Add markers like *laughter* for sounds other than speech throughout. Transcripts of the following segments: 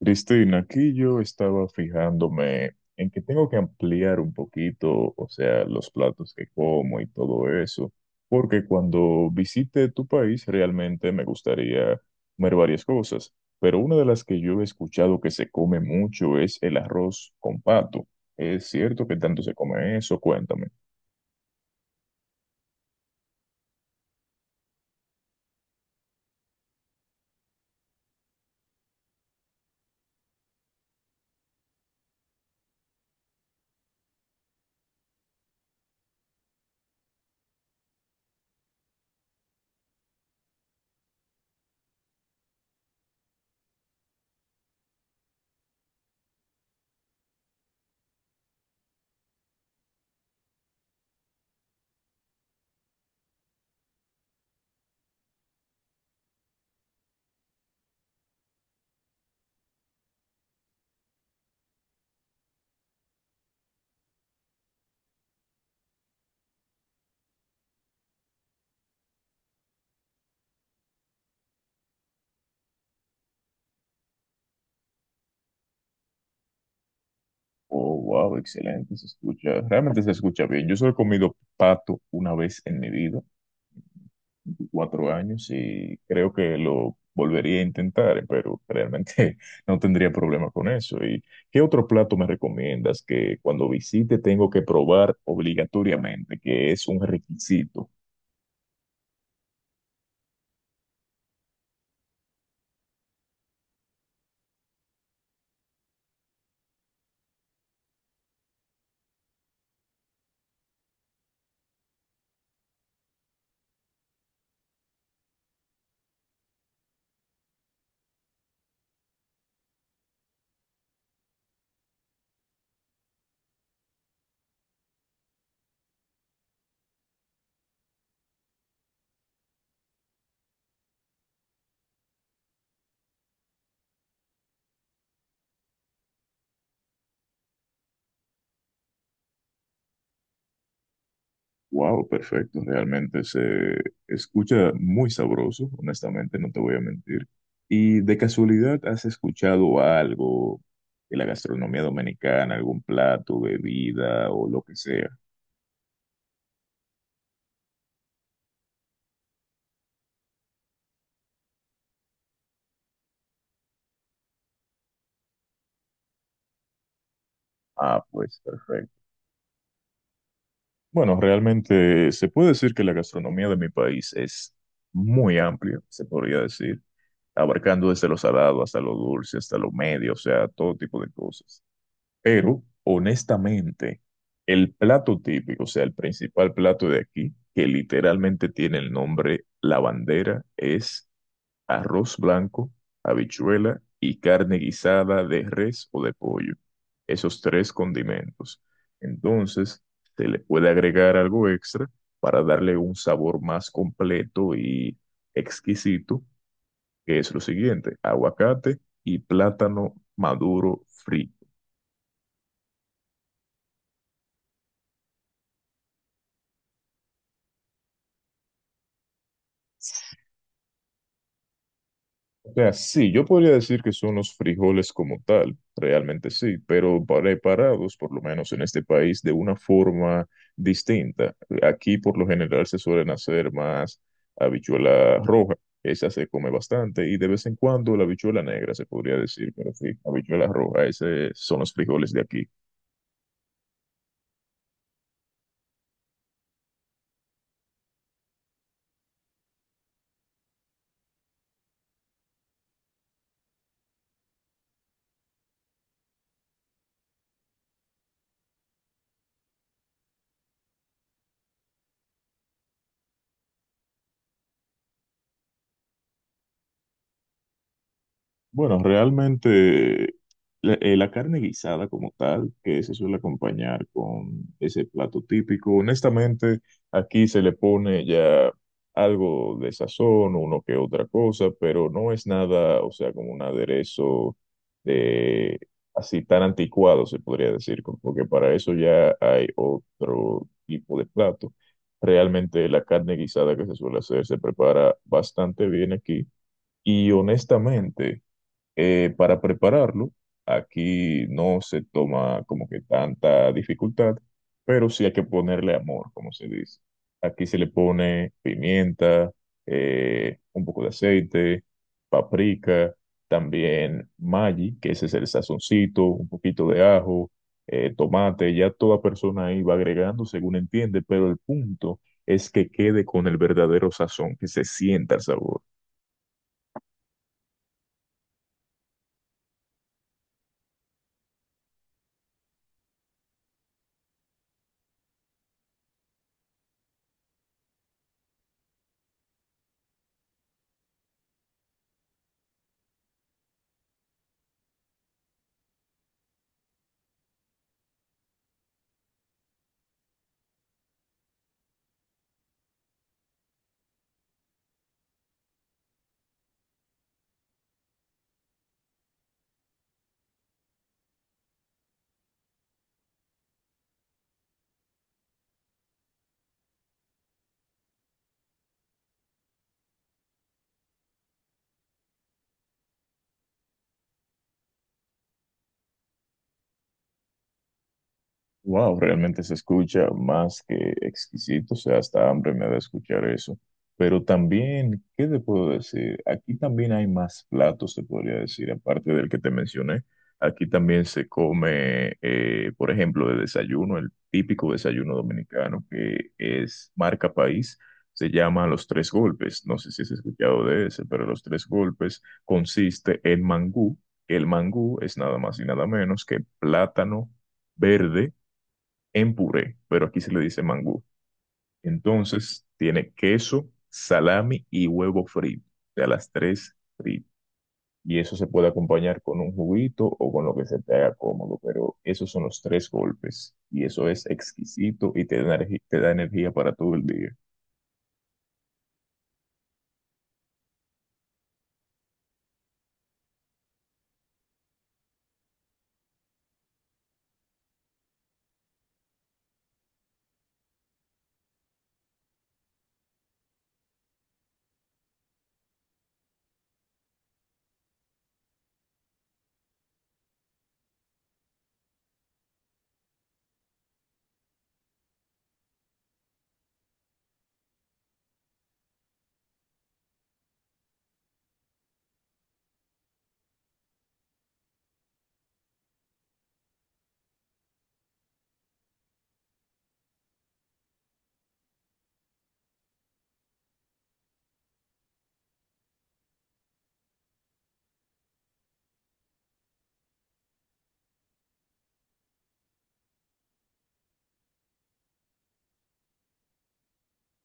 Cristina, aquí yo estaba fijándome en que tengo que ampliar un poquito, o sea, los platos que como y todo eso, porque cuando visite tu país realmente me gustaría comer varias cosas, pero una de las que yo he escuchado que se come mucho es el arroz con pato. ¿Es cierto que tanto se come eso? Cuéntame. Oh, wow, excelente, se escucha, realmente se escucha bien. Yo solo he comido pato una vez en mi vida 4 años y creo que lo volvería a intentar, pero realmente *laughs* no tendría problema con eso. ¿Y qué otro plato me recomiendas que cuando visite tengo que probar obligatoriamente, que es un requisito? Wow, perfecto, realmente se escucha muy sabroso, honestamente, no te voy a mentir. ¿Y de casualidad has escuchado algo de la gastronomía dominicana, algún plato, bebida o lo que sea? Ah, pues perfecto. Bueno, realmente se puede decir que la gastronomía de mi país es muy amplia, se podría decir, abarcando desde lo salado hasta lo dulce, hasta lo medio, o sea, todo tipo de cosas. Pero, honestamente, el plato típico, o sea, el principal plato de aquí, que literalmente tiene el nombre la bandera, es arroz blanco, habichuela y carne guisada de res o de pollo. Esos tres condimentos. Entonces, se le puede agregar algo extra para darle un sabor más completo y exquisito, que es lo siguiente, aguacate y plátano maduro frito. O sea, sí, yo podría decir que son los frijoles como tal, realmente sí, pero preparados, por lo menos en este país, de una forma distinta. Aquí por lo general se suelen hacer más habichuela roja, esa se come bastante, y de vez en cuando la habichuela negra se podría decir, pero sí, habichuela roja, esos son los frijoles de aquí. Bueno, realmente la carne guisada como tal, que se suele acompañar con ese plato típico, honestamente, aquí se le pone ya algo de sazón, uno que otra cosa, pero no es nada, o sea, como un aderezo de así tan anticuado, se podría decir, porque para eso ya hay otro tipo de plato. Realmente la carne guisada que se suele hacer se prepara bastante bien aquí. Y honestamente, para prepararlo, aquí no se toma como que tanta dificultad, pero sí hay que ponerle amor, como se dice. Aquí se le pone pimienta, un poco de aceite, paprika, también Maggi, que ese es el sazoncito, un poquito de ajo, tomate, ya toda persona ahí va agregando según entiende, pero el punto es que quede con el verdadero sazón, que se sienta el sabor. Wow, realmente se escucha más que exquisito, o sea, hasta hambre me da escuchar eso. Pero también, ¿qué te puedo decir? Aquí también hay más platos, te podría decir, aparte del que te mencioné. Aquí también se come, por ejemplo, de desayuno, el típico desayuno dominicano que es marca país, se llama Los Tres Golpes. No sé si has escuchado de ese, pero Los Tres Golpes consiste en mangú. El mangú es nada más y nada menos que plátano verde en puré, pero aquí se le dice mangú. Entonces, tiene queso, salami y huevo frito, de a las tres fritas. Y eso se puede acompañar con un juguito o con lo que se te haga cómodo, pero esos son los tres golpes. Y eso es exquisito y te da, te da energía para todo el día.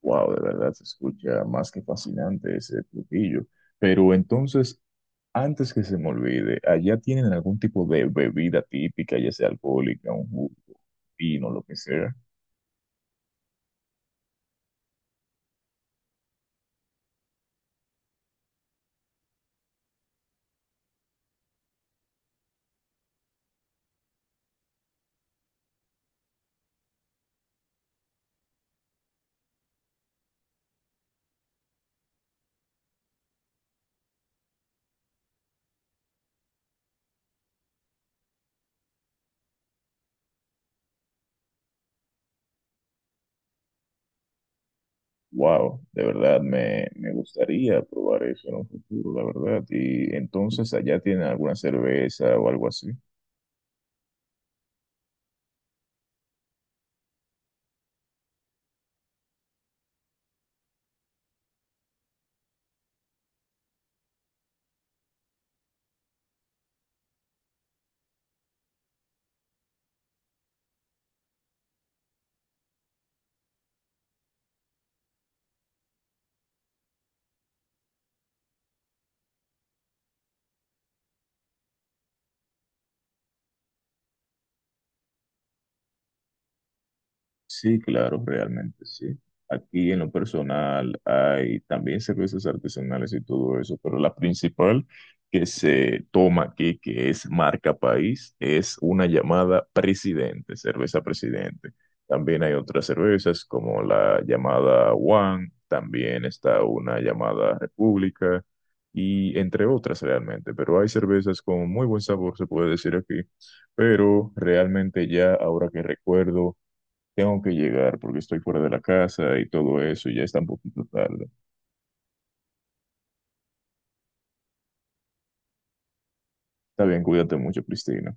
Wow, de verdad se escucha más que fascinante ese platillo. Pero entonces, antes que se me olvide, ¿allá tienen algún tipo de bebida típica, ya sea alcohólica, un jugo, vino, lo que sea? Wow, de verdad me gustaría probar eso en un futuro, la verdad. Y entonces allá tienen alguna cerveza o algo así. Sí, claro, realmente sí. Aquí en lo personal hay también cervezas artesanales y todo eso, pero la principal que se toma aquí, que es marca país, es una llamada Presidente, cerveza Presidente. También hay otras cervezas como la llamada One, también está una llamada República y entre otras realmente, pero hay cervezas con muy buen sabor, se puede decir aquí, pero realmente ya ahora que recuerdo. Tengo que llegar porque estoy fuera de la casa y todo eso y ya está un poquito tarde. Está bien, cuídate mucho, Cristina.